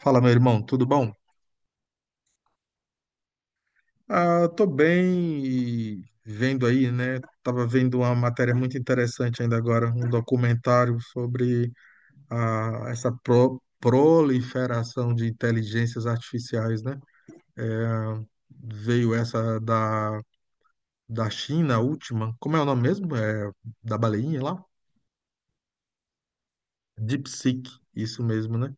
Fala, meu irmão, tudo bom? Tô bem e vendo aí, né? Tava vendo uma matéria muito interessante ainda agora, um documentário sobre essa proliferação de inteligências artificiais, né? Veio essa da China, a última. Como é o nome mesmo? Da baleinha lá? DeepSeek, isso mesmo, né?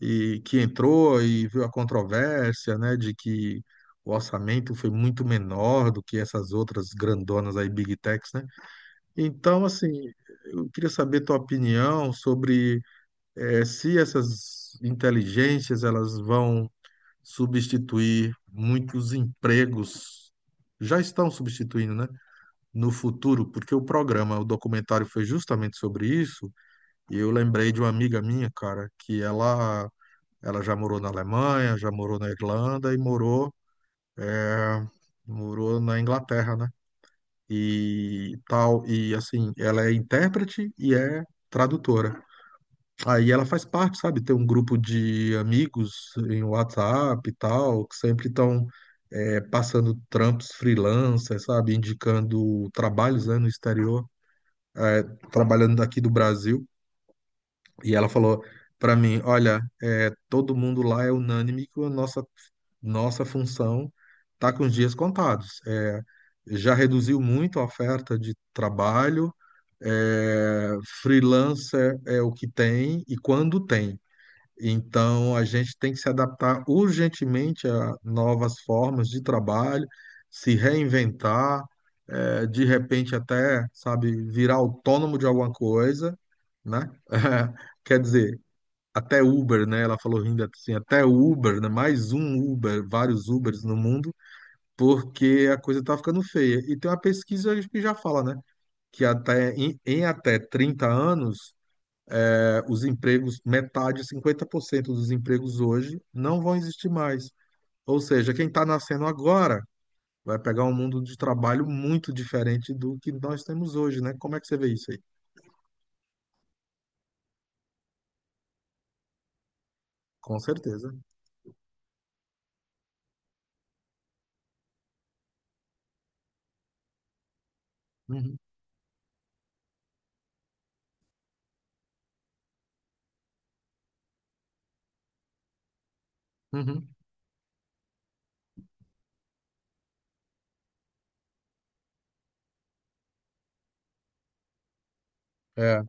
E que entrou e viu a controvérsia, né, de que o orçamento foi muito menor do que essas outras grandonas aí, Big Techs, né? Então, assim, eu queria saber tua opinião sobre se essas inteligências elas vão substituir muitos empregos, já estão substituindo, né? No futuro, porque o programa, o documentário foi justamente sobre isso, e eu lembrei de uma amiga minha, cara, que ela já morou na Alemanha, já morou na Irlanda e é, morou na Inglaterra, né? E tal. E assim, ela é intérprete e é tradutora. Aí ela faz parte, sabe? Tem um grupo de amigos em WhatsApp e tal, que sempre estão passando trampos freelancer, sabe? Indicando trabalhos, né, no exterior, é, trabalhando daqui do Brasil. E ela falou para mim: Olha, é, todo mundo lá é unânime que nossa função está com os dias contados. Já reduziu muito a oferta de trabalho, é, freelancer é o que tem e quando tem. Então a gente tem que se adaptar urgentemente a novas formas de trabalho, se reinventar, é, de repente até, sabe, virar autônomo de alguma coisa, né? Quer dizer, até Uber, né? Ela falou rindo assim, até Uber, né? Mais um Uber, vários Ubers no mundo, porque a coisa tá ficando feia. E tem uma pesquisa que já fala, né? Que até em, em até 30 anos, os empregos, metade, 50% dos empregos hoje não vão existir mais. Ou seja, quem está nascendo agora vai pegar um mundo de trabalho muito diferente do que nós temos hoje, né? Como é que você vê isso aí? Com certeza. Uhum, uhum. É,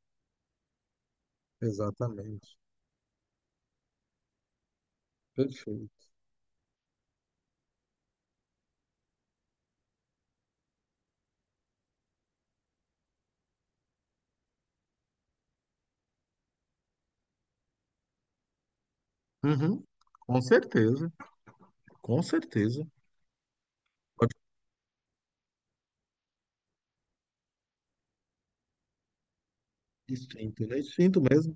exatamente. Perfeito. Uhum. Com certeza, com certeza. Pode ser instinto, né? Instinto mesmo.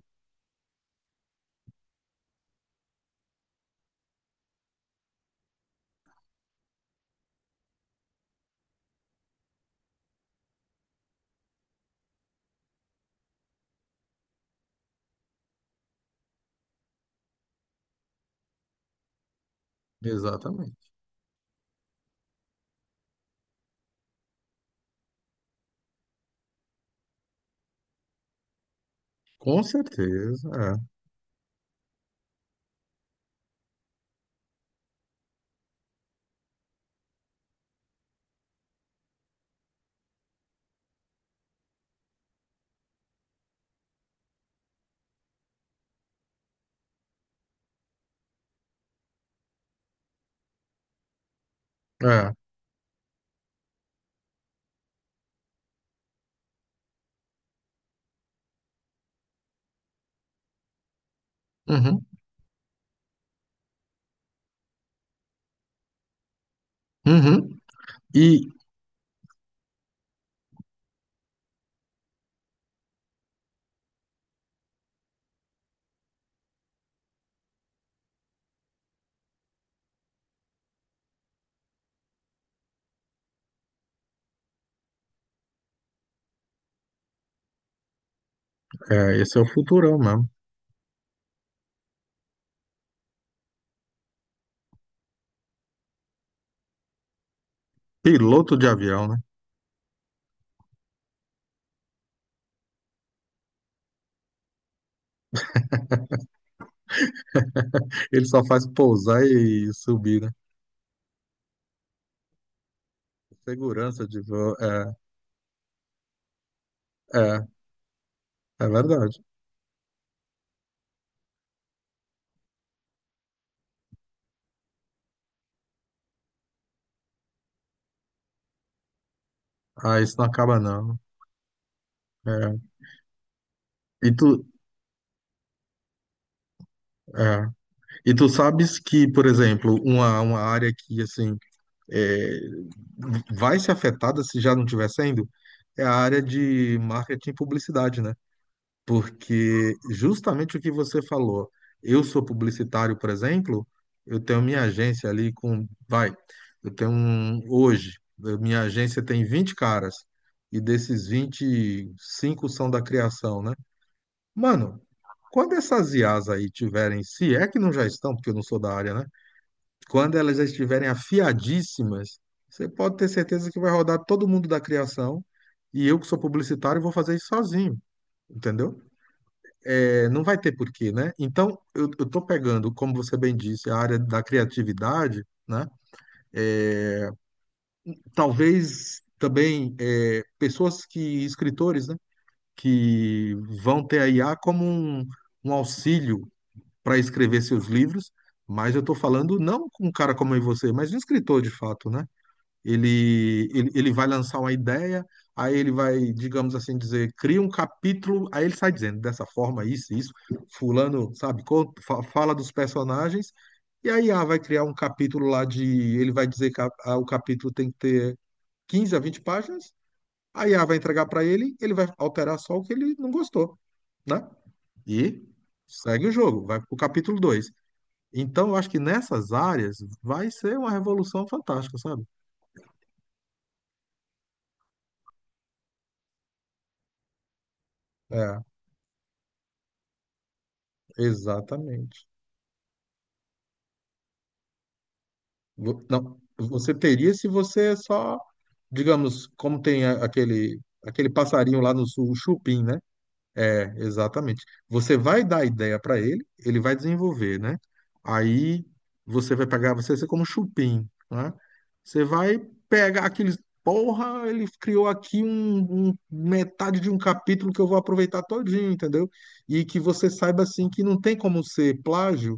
Exatamente. Com certeza, é. É. Uhum. Uhum. E é, esse é o futurão mesmo. Piloto de avião, né? Ele só faz pousar e subir, né? Segurança de voo. É, é, é verdade. Ah, isso não acaba não. É. E tu, é. E tu sabes que, por exemplo, uma área que, assim, é, vai ser afetada se já não estiver sendo, é a área de marketing e publicidade, né? Porque justamente o que você falou, eu sou publicitário, por exemplo, eu tenho minha agência ali com, vai, eu tenho um, hoje, eu- minha agência tem 20 caras, e desses 20, 5 são da criação, né? Mano, quando essas IAs aí tiverem, se é que não já estão, porque eu não sou da área, né? Quando elas já estiverem afiadíssimas, você pode ter certeza que vai rodar todo mundo da criação. E eu, que sou publicitário, vou fazer isso sozinho, entendeu? É, não vai ter porquê, né? Então, eu tô pegando, como você bem disse, a área da criatividade, né? Talvez também é, pessoas que, escritores, né? Que vão ter a IA como um auxílio para escrever seus livros, mas eu tô falando não com um cara como eu e você, mas de um escritor de fato, né? Ele vai lançar uma ideia, aí ele vai, digamos assim, dizer, cria um capítulo, aí ele sai dizendo dessa forma, isso, fulano, sabe, co- fa- fala dos personagens, e aí ah, vai criar um capítulo lá de, ele vai dizer que a- o capítulo tem que ter 15 a 20 páginas, aí a vai entregar para ele, ele vai alterar só o que ele não gostou, né? E segue o jogo, vai pro capítulo 2. Então, eu acho que nessas áreas vai ser uma revolução fantástica, sabe? É, exatamente. Vo- Não, você teria se você é só, digamos, como tem a- aquele aquele passarinho lá no sul, o chupim, né? É, exatamente. Você vai dar a ideia para ele, ele vai desenvolver, né? Aí você vai pegar, você vai ser como chupim, né? Você vai pegar aqueles, porra, ele criou aqui um, um- metade de um capítulo que eu vou aproveitar todinho, entendeu? E que você saiba assim que não tem como ser plágio,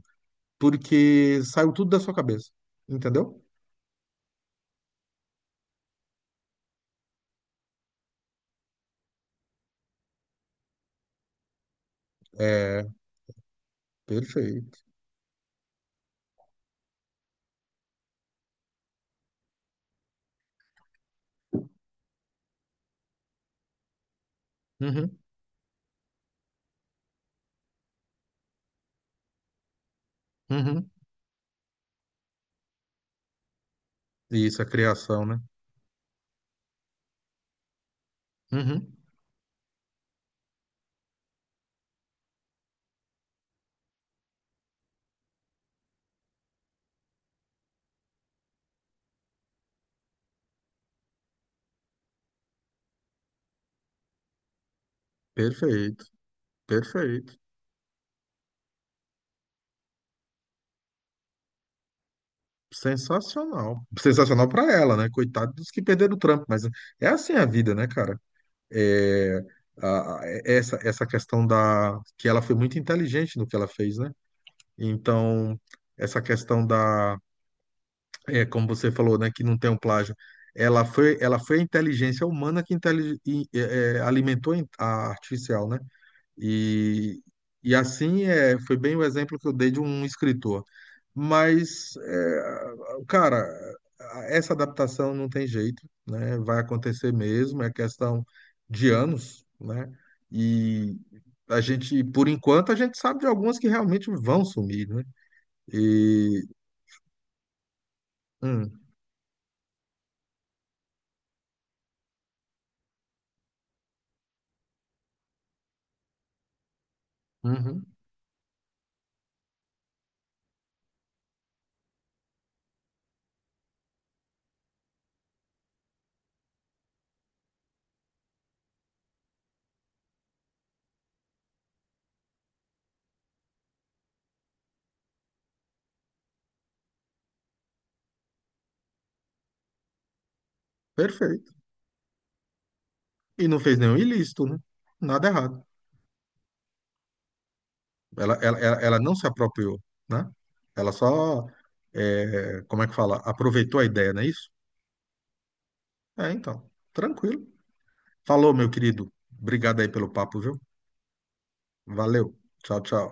porque saiu tudo da sua cabeça, entendeu? É, perfeito. Uhum, uhum, Isso, a criação, né? Uhum. Perfeito, perfeito. Sensacional. Sensacional pra ela, né? Coitado dos que perderam o trampo, mas é assim a vida, né, cara? É, a- é, essa questão da... que ela foi muito inteligente no que ela fez, né? Então, essa questão da... é, como você falou, né, que não tem um plágio. Ela foi a inteligência humana que é, alimentou a artificial, né? E, e assim é, foi bem o exemplo que eu dei de um escritor. Mas, é, cara, essa adaptação não tem jeito, né? Vai acontecer mesmo, é questão de anos, né? E a gente, por enquanto, a gente sabe de algumas que realmente vão sumir, né? E, hum, uhum, perfeito. E não fez nenhum ilícito, né? Nada errado. Ela ela não se apropriou, né? Ela só, é, como é que fala? Aproveitou a ideia, não é isso? É, então, tranquilo. Falou, meu querido. Obrigado aí pelo papo, viu? Valeu. Tchau, tchau.